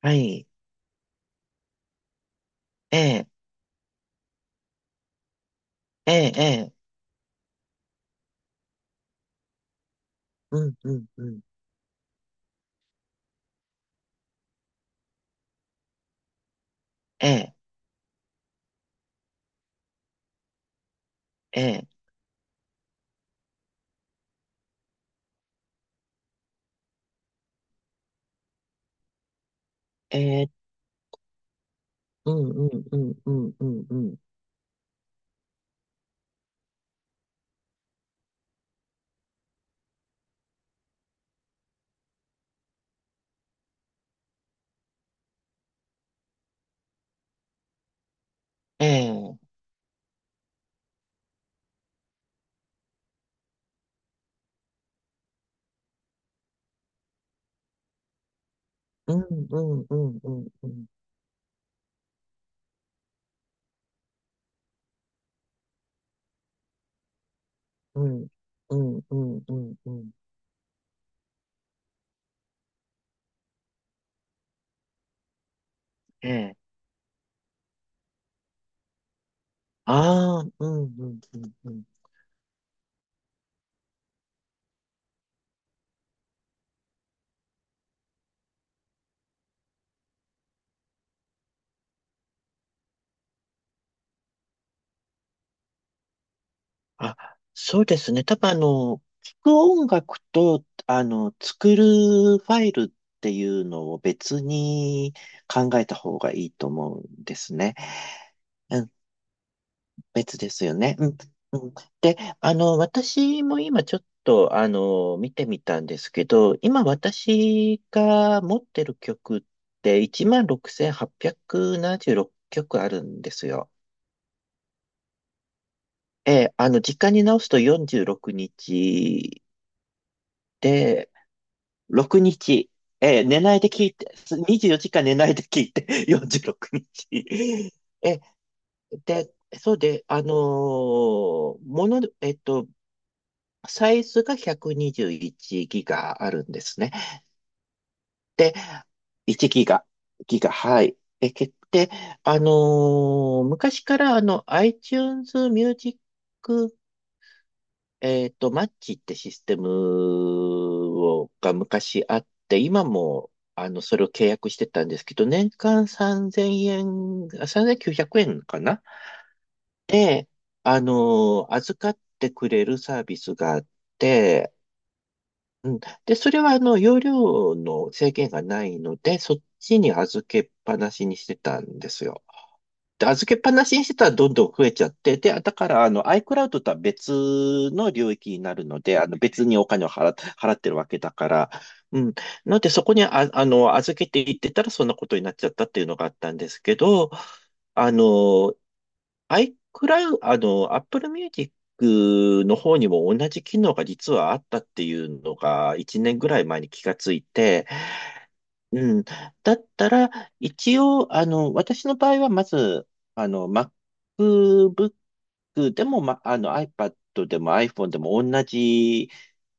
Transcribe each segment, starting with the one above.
はい。ええ、ええ、ええ、うん、うん、うん。ええ、ええ、ええ、うん、うん、うん、うん、うん、うん。ええ、うん、うん、うん、うん、うん、うん、うん、うん、うん、うん。ええ、ああ、うん、うん、うん、うん。あ、そうですね。多分聞く音楽と、作るファイルっていうのを別に考えた方がいいと思うんですね。別ですよね。うん。うん、で、私も今ちょっと、見てみたんですけど、今私が持ってる曲って16,876曲あるんですよ。ええ、時間に直すと46日で、6日、ええ、寝ないで聞いて、24時間寝ないで聞いて、46日。ええ、で、そうで、あのーもの、えっと、サイズが121ギガあるんですね。で、1ギガ、ギガ、はい。で、けで、あのー昔からiTunes Music、マッチってシステムをが昔あって、今もそれを契約してたんですけど、年間3 0円、あ3900円かなで、預かってくれるサービスがあって、うん。で、それは容量の制限がないので、そっちに預けっぱなしにしてたんですよ。で、預けっぱなしにしてたらどんどん増えちゃって、で、だからiCloud とは別の領域になるので、別にお金を払ってるわけだから、うん。ので、そこに預けていってたらそんなことになっちゃったっていうのがあったんですけど、あの、iCloud、Apple Music の方にも同じ機能が実はあったっていうのが1年ぐらい前に気がついて、うん。だったら、一応、私の場合はまず、MacBook でも、ま、iPad でも iPhone でも同じ、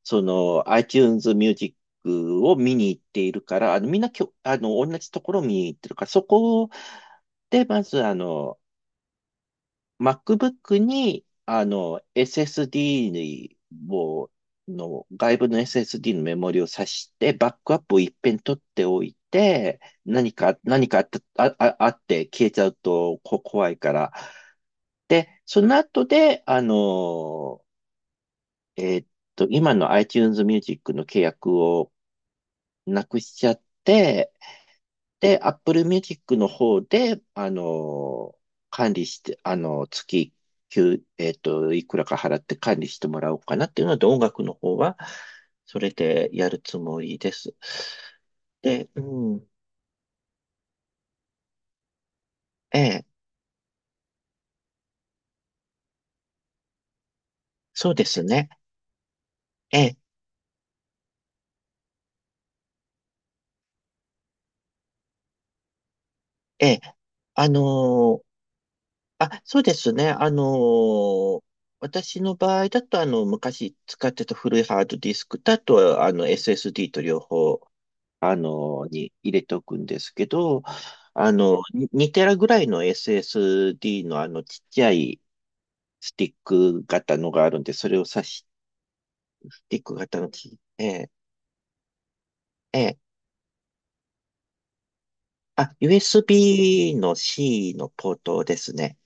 その、iTunes Music を見に行っているから、あの、みんなきょ、あの、同じところを見に行ってるから、そこで、まず、MacBook に、SSD を、外部の SSD のメモリを挿して、バックアップを一遍取っておいて、何かあった、ああって消えちゃうとこ怖いから。で、その後で、えーっ今の iTunes Music の契約をなくしちゃって、で、Apple Music の方で、管理して、あの、月、給えっと、いくらか払って管理してもらおうかなっていうので、音楽の方は、それでやるつもりです。で、うん、ええ、そうですね。ええ、ええ、あのーそうですね。ー私の場合だと、昔使ってた古いハードディスクだと、SSD と両方、に入れておくんですけど、に2テラぐらいの SSD のちっちゃいスティック型のがあるんで、それを挿し、スティック型のち、えー、えー、あ、USB の C のポートですね。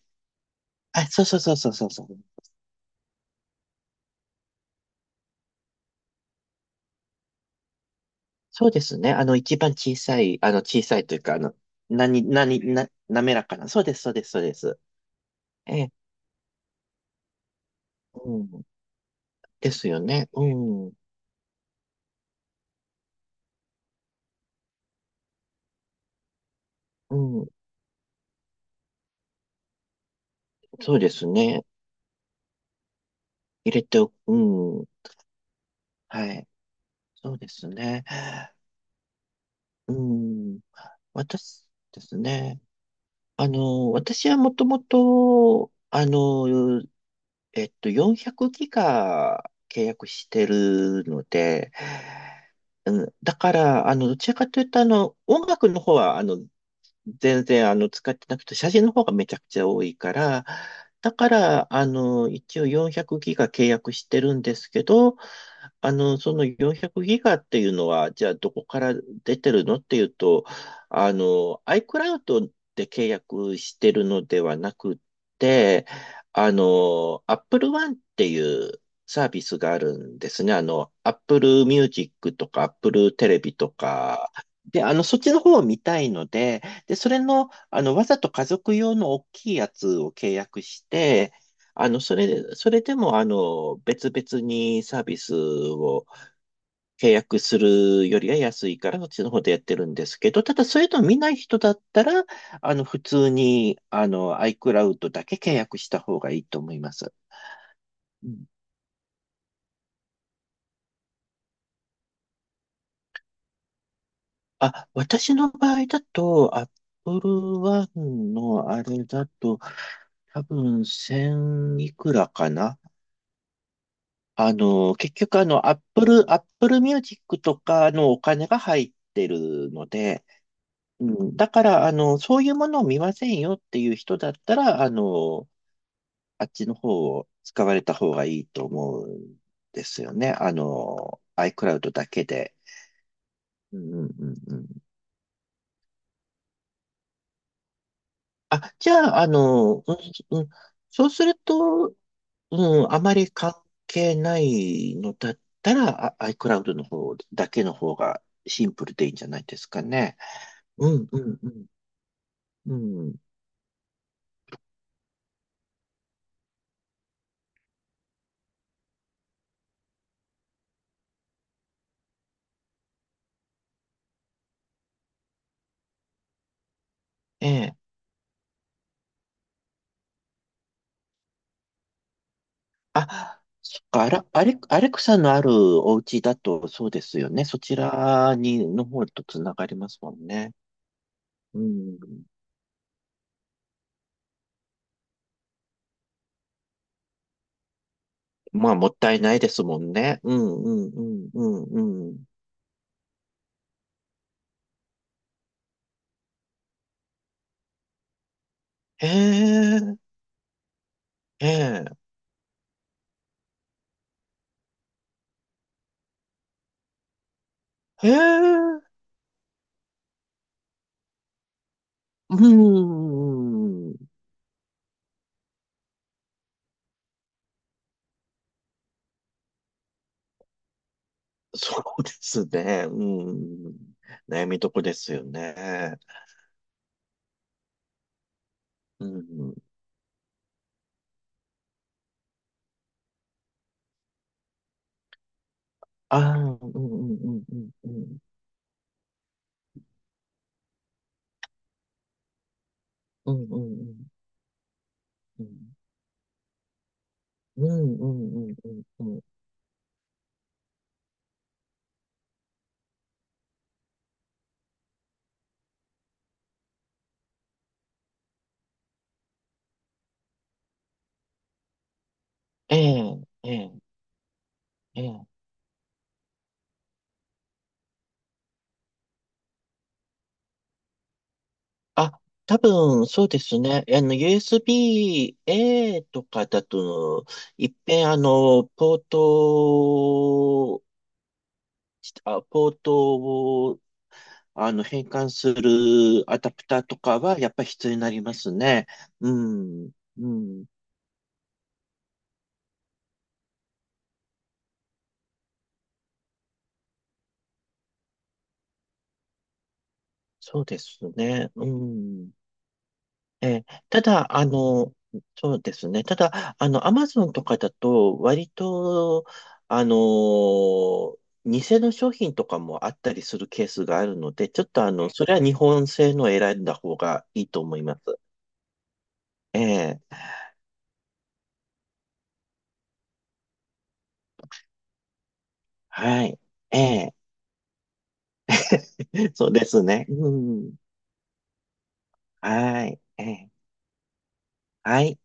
あ、そうそうそうそうそうそう。そうですね。一番小さい、小さいというか、あの、何、何、な、滑らかな。そうです、そうです、そうです。ええ、うん。ですよね。うん。うん。そうですね。入れておく。うん。はい。そうですね。うん。私ですね。私はもともと、400ギガ契約してるので、うん、だから、どちらかというと、音楽の方は、全然使ってなくて、写真の方がめちゃくちゃ多いから、だから、一応400ギガ契約してるんですけど、その400ギガっていうのは、じゃあどこから出てるのっていうと、iCloud で契約してるのではなくって、Apple One っていうサービスがあるんですね。Apple Music とか Apple テレビとか。で、そっちの方を見たいので、で、それの、わざと家族用の大きいやつを契約して、それでも、別々にサービスを契約するよりは安いから、そっちの方でやってるんですけど、ただ、そういうのを見ない人だったら、普通に、iCloud だけ契約した方がいいと思います。うん。私の場合だと、Apple One のあれだと、多分1000いくらかな結局アップルミュージックとかのお金が入ってるので、うん、だからそういうものを見ませんよっていう人だったら、あっちの方を使われた方がいいと思うんですよね。iCloud だけで。うんうんうんうん。あ、じゃあ、うん、うんそうすると、うん、あまり関係ないのだったら、iCloud の方だけの方がシンプルでいいんじゃないですかね。うんうんうんうん。ええ。あ、そっか、あら、アレクサのあるお家だとそうですよね。そちらの方とつながりますもんね。うん。まあ、もったいないですもんね。うんうんうんうんうん。へえ、へえ、へえ、うん。そうですね。うん。悩みどこですよね。うん。ああ、うんうんうんうんうん。うんうんうんうん。うんうんうんうんうん。ええ、ええ、ええ。あ、多分そうですね。USB-A とかだと、いっぺんポートを、変換するアダプターとかは、やっぱり必要になりますね。うん、うん、そうですね。うん。ええ、ただ、そうですね。ただ、アマゾンとかだと、割と、あの、偽の商品とかもあったりするケースがあるので、ちょっとそれは日本製のを選んだ方がいいと思います。ええ、はい。ええ、そうですね。うん。はい。ええ、はい。